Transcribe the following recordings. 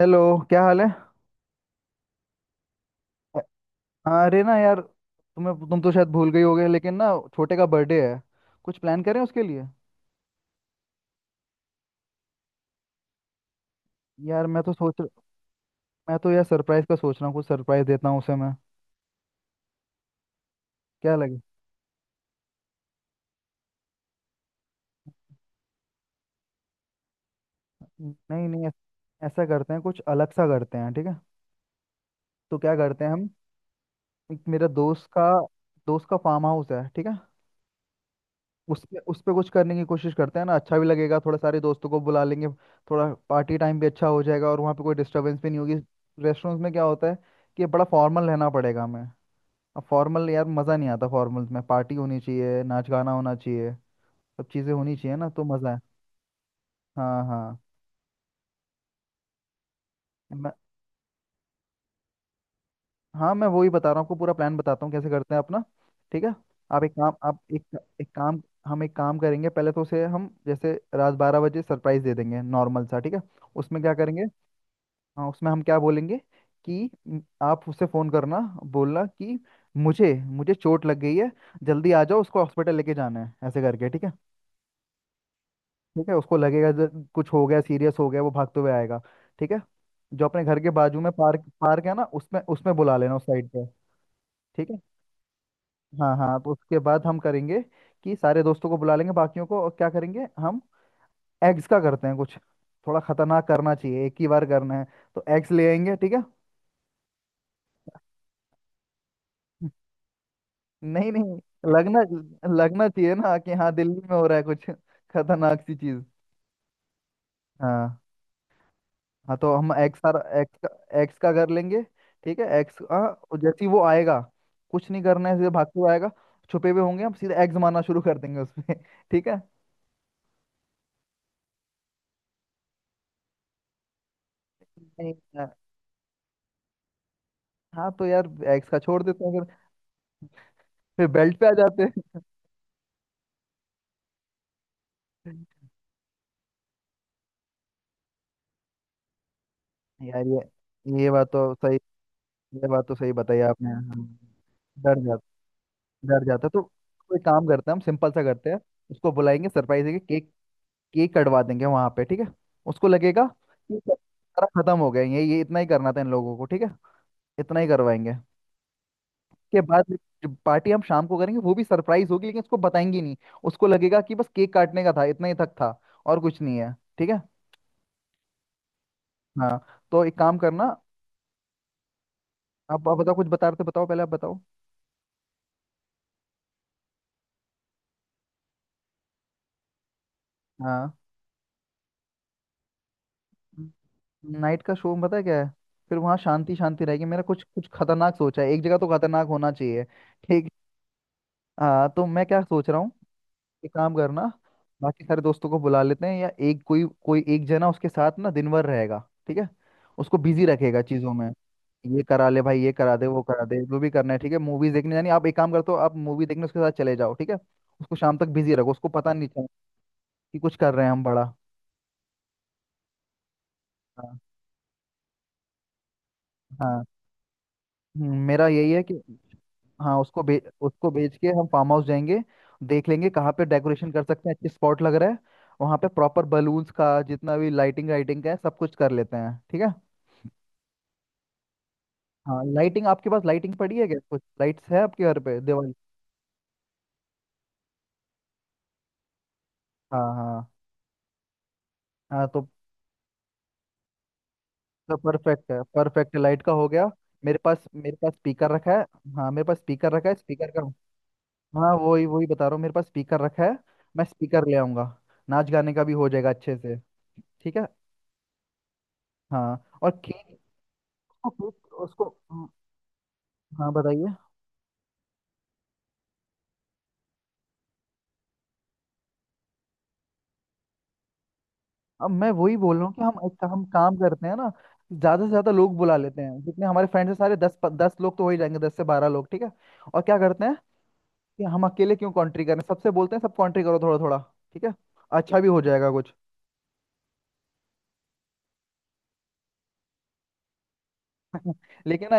Hello. क्या हाल है? अ- अरे ना यार, तुम्हें तुम तो शायद भूल गई होगे, लेकिन ना छोटे का बर्थडे है। कुछ प्लान करें उसके लिए। यार, मैं तो यार सरप्राइज का सोच रहा हूँ। कुछ सरप्राइज देता हूँ उसे मैं। क्या लगे? नहीं नहीं, ऐसा करते हैं, कुछ अलग सा करते हैं, ठीक है? तो क्या करते हैं हम, एक मेरा दोस्त का फार्म हाउस है, ठीक है? उस पे कुछ करने की कोशिश करते हैं ना, अच्छा भी लगेगा। थोड़ा सारे दोस्तों को बुला लेंगे, थोड़ा पार्टी टाइम भी अच्छा हो जाएगा, और वहाँ पे कोई डिस्टरबेंस भी नहीं होगी। रेस्टोरेंट्स में क्या होता है कि बड़ा फॉर्मल रहना पड़ेगा हमें। अब फॉर्मल, यार मज़ा नहीं आता फॉर्मल्स में। पार्टी होनी चाहिए, नाच गाना होना चाहिए, सब चीज़ें होनी चाहिए, ना तो मज़ा है। हाँ हाँ। मैं हाँ मैं वही बता रहा हूँ आपको, पूरा प्लान बताता हूँ कैसे करते हैं अपना, ठीक है? आप एक काम आप एक एक काम हम एक काम करेंगे। पहले तो उसे हम जैसे रात 12 बजे सरप्राइज दे देंगे नॉर्मल सा, ठीक है? उसमें क्या करेंगे, हाँ उसमें हम क्या बोलेंगे कि आप उससे फ़ोन करना, बोलना कि मुझे मुझे चोट लग गई है, जल्दी आ जाओ, उसको हॉस्पिटल लेके जाना है, ऐसे करके, ठीक है? ठीक है उसको लगेगा कुछ हो गया, सीरियस हो गया, वो भागते हुए आएगा, ठीक है? जो अपने घर के बाजू में पार्क पार्क है ना, उसमें उसमें बुला लेना उस साइड पे। ठीक है, हाँ हाँ, तो उसके बाद हम करेंगे कि सारे दोस्तों को बुला लेंगे बाकियों को, और क्या करेंगे हम, एग्स का करते हैं कुछ, थोड़ा खतरनाक करना चाहिए, एक ही बार करना है। तो एग्स ले आएंगे, ठीक है? नहीं नहीं, लगना लगना चाहिए ना कि हाँ, दिल्ली में हो रहा है कुछ खतरनाक सी चीज। हाँ, हाँ तो हम एक्स का कर लेंगे। ठीक है, एक्स, हाँ। और जैसे ही वो आएगा, कुछ नहीं करना है, सीधे भागते हुए आएगा, छुपे हुए होंगे हम, सीधे एक्स मारना शुरू कर देंगे उसपे ठीक है? नहीं, हाँ। हाँ, तो यार एक्स का छोड़ देते हैं फिर। फिर बेल्ट पे आ जाते हैं यार, ये बात तो सही, ये बात तो सही बताई आपने। हाँ, डर जाते डर जाता है तो कोई काम करते हैं, हम सिंपल सा करते हैं। उसको बुलाएंगे, सरप्राइज देंगे, केक, केक कटवा देंगे वहां पे, ठीक है? उसको लगेगा कि सारा खत्म हो गया, ये इतना ही करना था इन लोगों को, ठीक है, इतना ही करवाएंगे। के बाद जो पार्टी हम शाम को करेंगे वो भी सरप्राइज होगी, लेकिन उसको बताएंगे नहीं। उसको लगेगा कि बस केक काटने का था, इतना ही तक था, और कुछ नहीं है, ठीक है? हाँ, तो एक काम करना। आप बताओ, कुछ बता रहे थे, बताओ पहले आप बताओ। हाँ। नाइट का शो में पता है क्या है, फिर वहाँ शांति शांति रहेगी। मेरा कुछ कुछ खतरनाक सोचा है, एक जगह तो खतरनाक होना चाहिए। ठीक, हाँ तो मैं क्या सोच रहा हूँ, एक काम करना। बाकी सारे दोस्तों को बुला लेते हैं, या एक कोई कोई एक जना उसके साथ ना दिन भर रहेगा, ठीक है, उसको बिजी रखेगा चीज़ों में, ये करा ले भाई, ये करा दे, वो करा दे, जो भी करना है, ठीक है? मूवीज देखने जानी, आप एक काम करते हो, आप मूवी देखने उसके साथ चले जाओ, ठीक है? उसको शाम तक बिजी रखो, उसको पता नहीं चले कि कुछ कर रहे हैं हम बड़ा। हाँ हाँ। मेरा यही है कि हाँ, उसको बेच के हम फार्म हाउस जाएंगे। देख लेंगे कहाँ पे डेकोरेशन कर सकते हैं, अच्छे स्पॉट लग रहा है। वहाँ पे प्रॉपर बलून्स का, जितना भी लाइटिंग वाइटिंग का है, सब कुछ कर लेते हैं, ठीक है? हाँ लाइटिंग, आपके पास लाइटिंग पड़ी है क्या? कुछ लाइट्स है आपके घर पे दिवाली? हाँ हाँ। हाँ तो परफेक्ट है, परफेक्ट, लाइट का हो गया। मेरे पास स्पीकर रखा है। हाँ मेरे पास स्पीकर रखा है, स्पीकर का, हाँ वही वही बता रहा हूँ, मेरे पास स्पीकर रखा है। मैं स्पीकर ले आऊँगा, नाच गाने का भी हो जाएगा अच्छे से, ठीक है? हाँ और केक, उसको हम्म, हाँ बताइए। अब मैं वही बोल रहा हूँ कि हम काम करते हैं ना, ज्यादा से ज्यादा लोग बुला लेते हैं, जितने हमारे फ्रेंड्स हैं, सारे दस दस लोग तो हो ही जाएंगे, 10 से 12 लोग, ठीक है? और क्या करते हैं कि हम अकेले क्यों कॉन्ट्री करें, सबसे बोलते हैं, सब कॉन्ट्री करो थोड़ा थोड़ा, ठीक है, अच्छा भी हो जाएगा कुछ। लेकिन ना,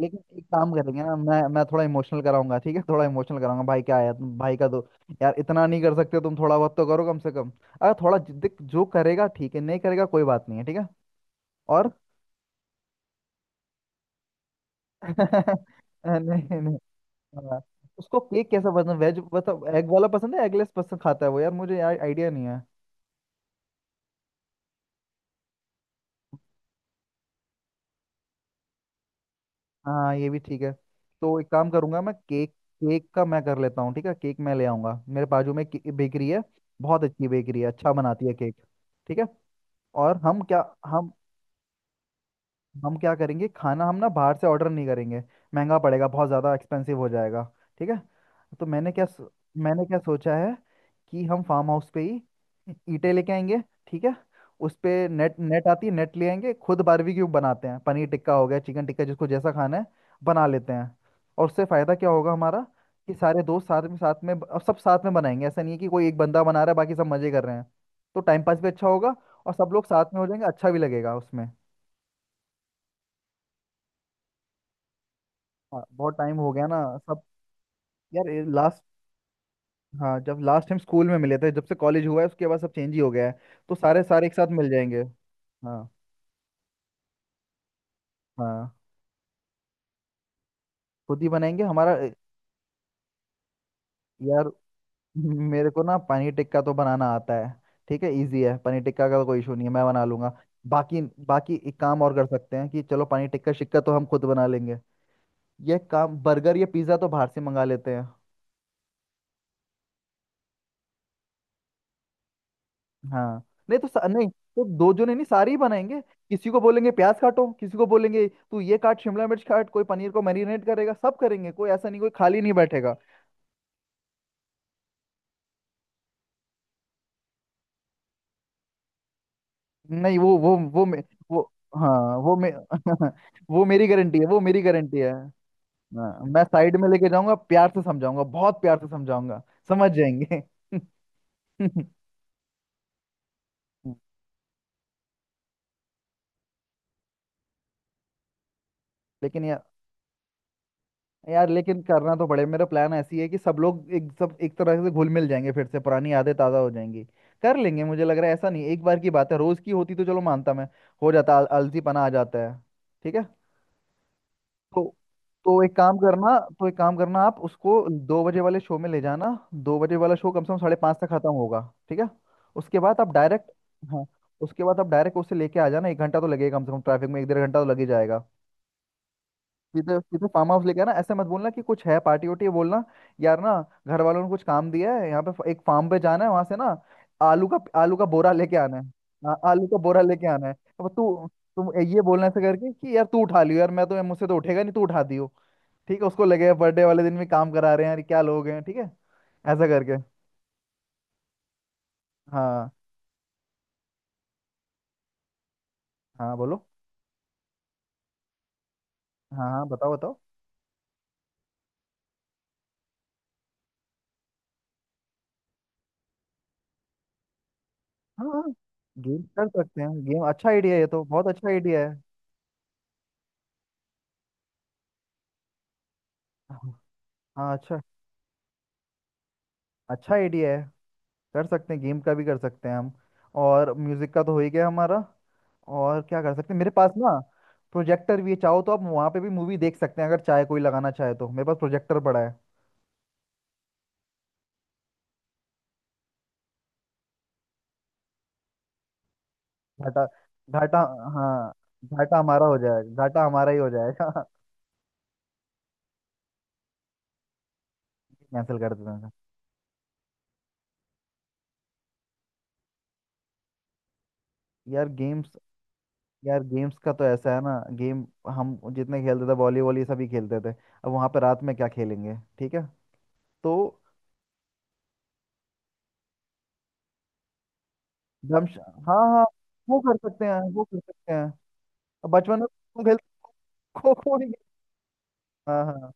लेकिन एक काम करेंगे ना, मैं थोड़ा इमोशनल कराऊंगा, ठीक है, थोड़ा इमोशनल कराऊंगा, भाई क्या है तुम, भाई का दो यार, इतना नहीं कर सकते तुम, थोड़ा बहुत तो करो कम से कम। अगर थोड़ा जिद्द जो करेगा, ठीक है नहीं करेगा, कोई बात नहीं है, ठीक है। और नहीं नहीं। हाँ। उसको केक कैसा पसंद, वेज मतलब एग वाला पसंद है, एगलेस पसंद खाता है वो? यार मुझे यार आइडिया नहीं है। हाँ ये भी ठीक है। तो एक काम करूंगा मैं, केक केक का मैं कर लेता हूँ, ठीक है? केक मैं ले आऊंगा, मेरे बाजू में बेकरी है, बहुत अच्छी बेकरी है, अच्छा बनाती है केक, ठीक है? और हम क्या, हम हम क्या करेंगे, खाना हम ना बाहर से ऑर्डर नहीं करेंगे, महंगा पड़ेगा, बहुत ज़्यादा एक्सपेंसिव हो जाएगा, ठीक है? तो मैंने क्या सोचा है कि हम फार्म हाउस पे ही ईंटें लेके आएंगे, ठीक है? उस पे नेट नेट आती है, नेट ले आएंगे, खुद बारबेक्यू बनाते हैं, पनीर टिक्का हो गया, चिकन टिक्का, जिसको जैसा खाना है बना लेते हैं। और उससे फ़ायदा क्या होगा हमारा कि सारे दोस्त साथ में, साथ में अब सब साथ में बनाएंगे, ऐसा नहीं है कि कोई एक बंदा बना रहा है, बाकी सब मज़े कर रहे हैं। तो टाइम पास भी अच्छा होगा, और सब लोग साथ में हो जाएंगे, अच्छा भी लगेगा उसमें। हाँ बहुत टाइम हो गया ना, सब, यार, लास्ट, हाँ जब लास्ट टाइम स्कूल में मिले थे, जब से कॉलेज हुआ है उसके बाद सब चेंज ही हो गया है। तो सारे सारे एक साथ मिल जाएंगे। हाँ हाँ। खुद ही बनाएंगे, हमारा यार मेरे को ना पनीर टिक्का तो बनाना आता है, ठीक है, इजी है, पनीर टिक्का का तो कोई इशू नहीं है, मैं बना लूंगा। बाकी बाकी एक काम और कर सकते हैं कि चलो पनीर टिक्का शिक्का तो हम खुद बना लेंगे, ये काम, बर्गर या पिज्ज़ा तो बाहर से मंगा लेते हैं। हाँ। नहीं तो दो जने नहीं, सारे ही बनाएंगे। किसी को बोलेंगे प्याज काटो, किसी को बोलेंगे तू ये काट शिमला मिर्च काट, कोई पनीर को मैरिनेट करेगा, सब करेंगे, कोई ऐसा नहीं, कोई खाली नहीं बैठेगा। नहीं वो वो मे, वो हाँ वो मेरी गारंटी है, वो मेरी गारंटी है। हाँ, मैं साइड में लेके जाऊंगा, प्यार से समझाऊंगा, बहुत प्यार से समझाऊंगा, समझ जाएंगे लेकिन यार, यार लेकिन करना तो पड़े, मेरा प्लान ऐसी है कि सब लोग एक तरह से घुल मिल जाएंगे, फिर से पुरानी आदतें ताज़ा हो जाएंगी, कर लेंगे। मुझे लग रहा है ऐसा नहीं, एक बार की बात है, रोज़ की होती तो चलो मानता मैं, हो जाता, आलसीपना आ जाता है, ठीक है? तो तो एक काम करना, आप उसको 2 बजे वाले शो में ले जाना। 2 बजे वाला शो कम से कम 5:30 तक खत्म होगा, ठीक है? उसके बाद आप डायरेक्ट, हाँ उसके बाद आप डायरेक्ट उसे लेके आ जाना, 1 घंटा तो लगेगा कम से कम ट्रैफिक में, एक डेढ़ घंटा तो लग ही जाएगा। सीधे सीधे फार्म हाउस लेके आना, ऐसे मत बोलना कि कुछ है पार्टी वार्टी है, बोलना यार ना घर वालों ने कुछ काम दिया है, यहाँ पे एक फार्म पे जाना है, वहां से ना आलू का बोरा लेके आना है। हाँ, आलू का बोरा लेके आना है। अब तू, तुम ये बोलना ऐसे करके कि यार तू उठा लियो, यार मैं तो, मुझसे तो उठेगा नहीं, तू उठा दियो, ठीक है? उसको लगेगा बर्थडे वाले दिन भी काम करा रहे हैं, यार क्या लोग हैं, ठीक है, ऐसा करके। हाँ हाँ बोलो। हाँ हाँ बताओ बताओ। हाँ हाँ। गेम कर सकते हैं, गेम अच्छा आइडिया है, ये तो बहुत अच्छा आइडिया है। हाँ, हाँ अच्छा, अच्छा आइडिया है, कर सकते हैं गेम का भी, कर सकते हैं हम। और म्यूजिक का तो हो ही गया हमारा। और क्या कर सकते हैं, मेरे पास ना प्रोजेक्टर भी है, चाहो तो आप वहाँ पे भी मूवी देख सकते हैं, अगर चाहे कोई लगाना चाहे तो, मेरे पास प्रोजेक्टर पड़ा है। घाटा, घाटा, हाँ घाटा हमारा हो जाएगा, घाटा हमारा ही हो जाएगा कैंसिल कर देते हैं। यार गेम्स, यार गेम्स का तो ऐसा है ना, गेम, हम जितने खेलते थे वॉलीबॉल ये सभी खेलते थे, अब वहाँ पे रात में क्या खेलेंगे, ठीक है? तो धर्मश, हाँ हाँ, वो कर सकते हैं, वो कर सकते हैं। अब बचपन में तो खेलते, कोको नहीं हाँ हाँ।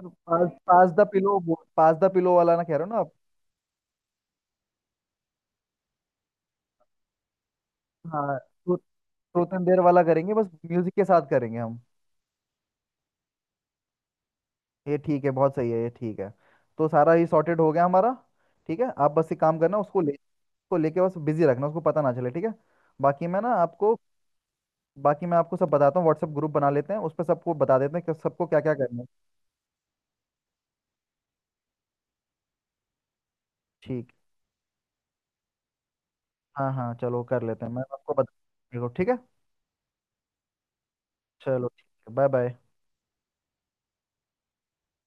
Sir pass, pass the pillow, pass the pillow वाला ना कह रहे हो ना आप? हाँ, तो ट्रूथ एंड डेयर वाला करेंगे, बस म्यूजिक के साथ करेंगे हम। ये ठीक है, बहुत सही है, ये ठीक है। तो सारा ये सॉर्टेड हो गया हमारा। ठीक है आप बस एक काम करना, उसको ले, उसको लेके बस बिजी रखना, उसको पता ना चले, ठीक है? बाकी मैं ना आपको बाकी मैं आपको सब बताता हूँ, व्हाट्सएप ग्रुप बना लेते हैं, उस पर सबको बता देते हैं कि सबको क्या क्या करना है। ठीक, हाँ हाँ चलो कर लेते हैं, मैं आपको बता, ठीक है? चलो ठीक है, बाय बाय।